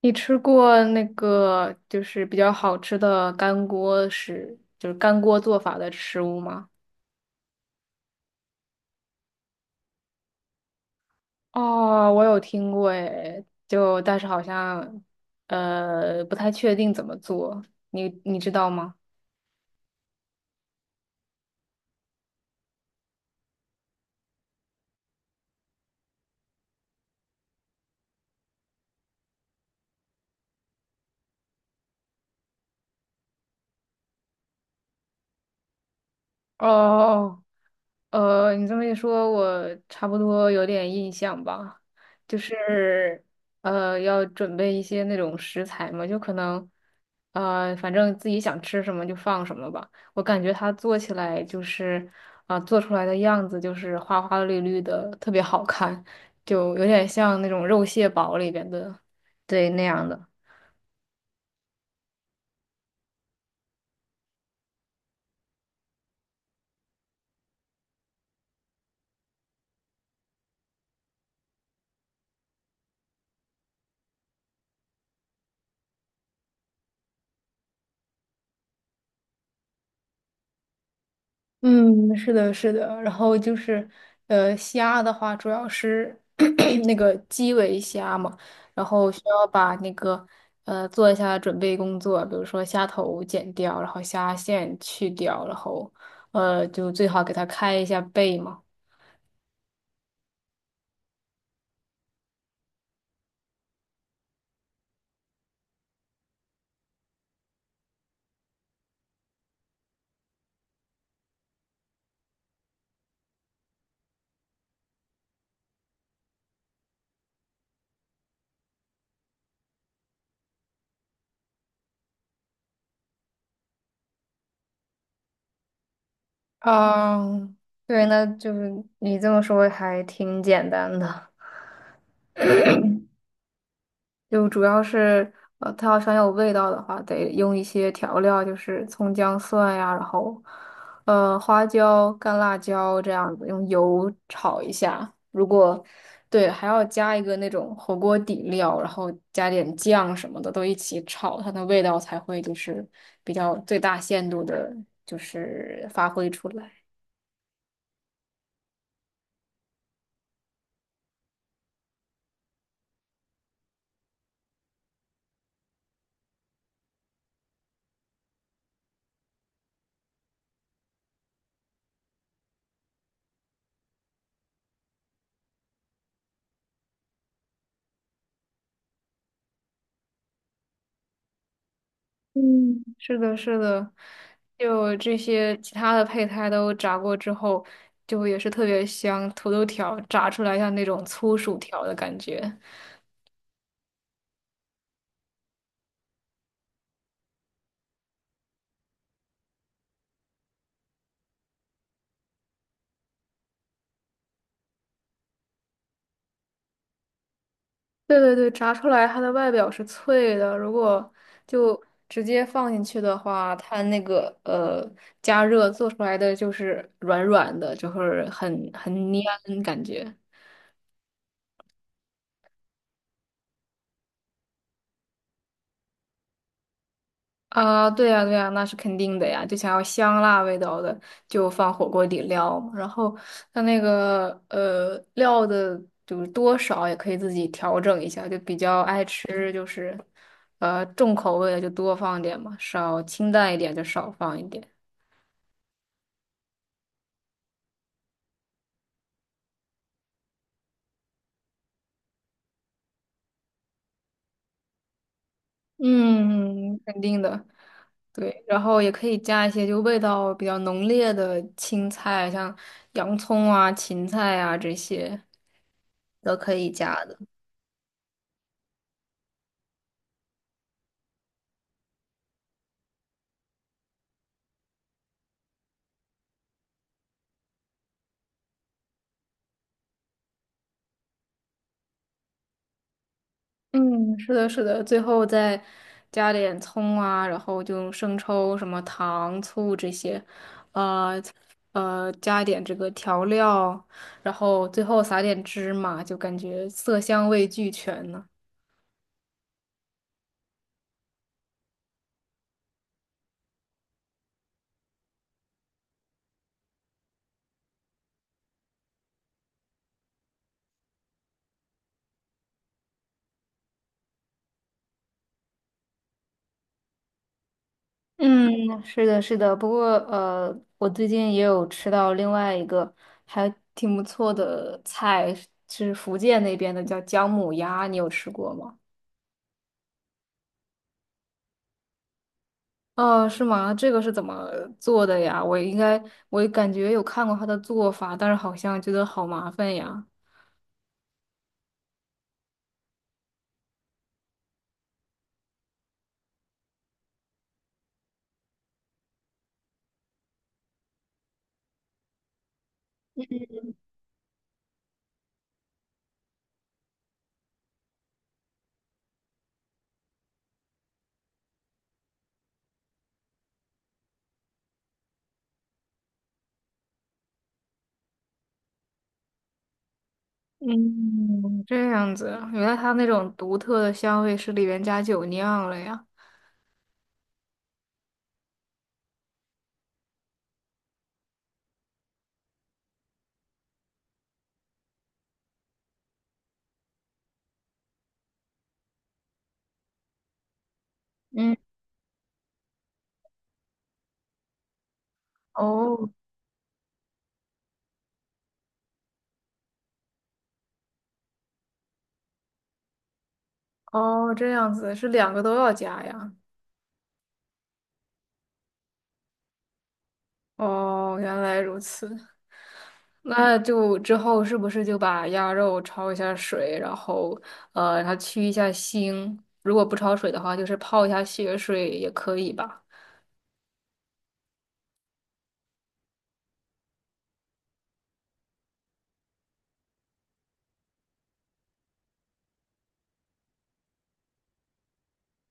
你吃过那个就是比较好吃的干锅食，就是干锅做法的食物吗？哦，我有听过诶，就但是好像不太确定怎么做，你知道吗？哦你这么一说，我差不多有点印象吧，就是要准备一些那种食材嘛，就可能反正自己想吃什么就放什么吧。我感觉它做起来就是啊、做出来的样子就是花花绿绿的，特别好看，就有点像那种肉蟹堡里边的，对，那样的。嗯，是的，是的。然后就是，呃，虾的话，主要是 那个基围虾嘛，然后需要把那个做一下准备工作，比如说虾头剪掉，然后虾线去掉，然后就最好给它开一下背嘛。嗯，对，那就是你这么说还挺简单的。就主要是它要想有味道的话，得用一些调料，就是葱姜蒜呀，然后花椒、干辣椒这样子，用油炒一下。如果对，还要加一个那种火锅底料，然后加点酱什么的，都一起炒，它的味道才会就是比较最大限度的，就是发挥出来。嗯，是的，是的，就这些其他的配菜都炸过之后，就也是特别香。土豆条炸出来像那种粗薯条的感觉。对对对，炸出来它的外表是脆的，如果就直接放进去的话，它那个加热做出来的就是软软的，就是很粘感觉。啊，对呀，对呀，那是肯定的呀。就想要香辣味道的，就放火锅底料嘛然后它那个料的，就是多少也可以自己调整一下。就比较爱吃，就是重口味的就多放点嘛，少清淡一点就少放一点。嗯，肯定的。对，然后也可以加一些就味道比较浓烈的青菜，像洋葱啊、芹菜啊这些都可以加的。嗯，是的，是的，最后再加点葱啊，然后就用生抽、什么糖、醋这些，呃加一点这个调料，然后最后撒点芝麻，就感觉色香味俱全呢。嗯，是的，是的。不过，我最近也有吃到另外一个还挺不错的菜，是福建那边的，叫姜母鸭，你有吃过吗？哦，是吗？这个是怎么做的呀？我应该，我感觉有看过他的做法，但是好像觉得好麻烦呀。嗯，这样子啊原来它那种独特的香味是里面加酒酿了呀。嗯，哦哦，这样子是两个都要加呀。哦，原来如此。那就之后是不是就把鸭肉焯一下水，然后让它去一下腥？如果不焯水的话，就是泡一下血水也可以吧？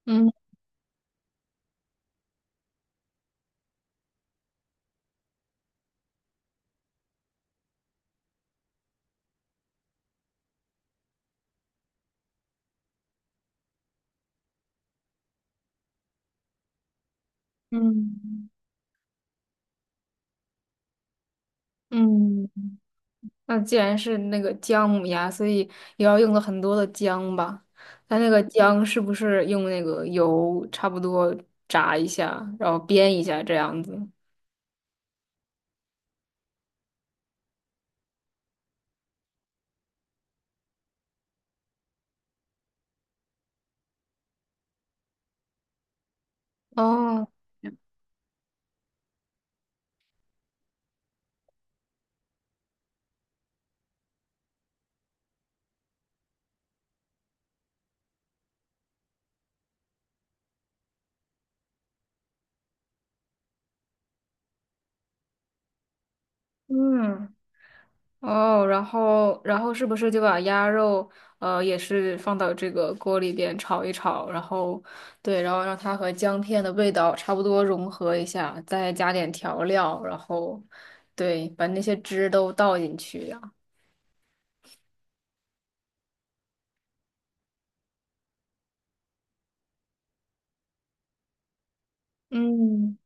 嗯。嗯嗯，那既然是那个姜母鸭，所以也要用了很多的姜吧？它那个姜是不是用那个油差不多炸一下，然后煸一下这样子？哦，嗯，哦，然后是不是就把鸭肉也是放到这个锅里边炒一炒，然后对，然后让它和姜片的味道差不多融合一下，再加点调料，然后对，把那些汁都倒进去。呀。嗯，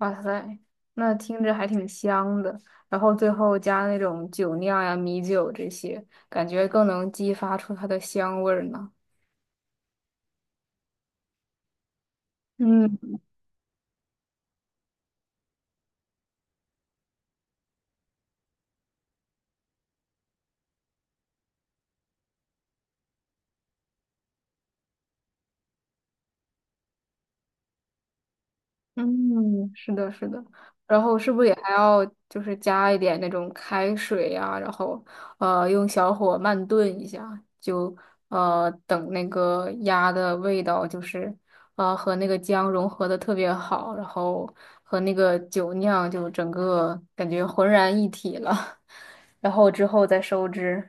哇塞，那听着还挺香的。然后最后加那种酒酿呀、米酒这些，感觉更能激发出它的香味儿呢。嗯。嗯，是的，是的。然后是不是也还要就是加一点那种开水呀、然后用小火慢炖一下，就等那个鸭的味道就是和那个姜融合的特别好，然后和那个酒酿就整个感觉浑然一体了，然后之后再收汁。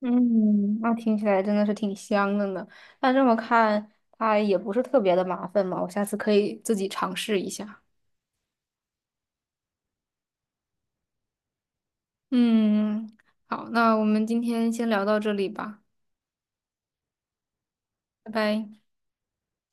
嗯，那听起来真的是挺香的呢。那这么看，它也不是特别的麻烦嘛，我下次可以自己尝试一下。嗯，好，那我们今天先聊到这里吧，拜拜。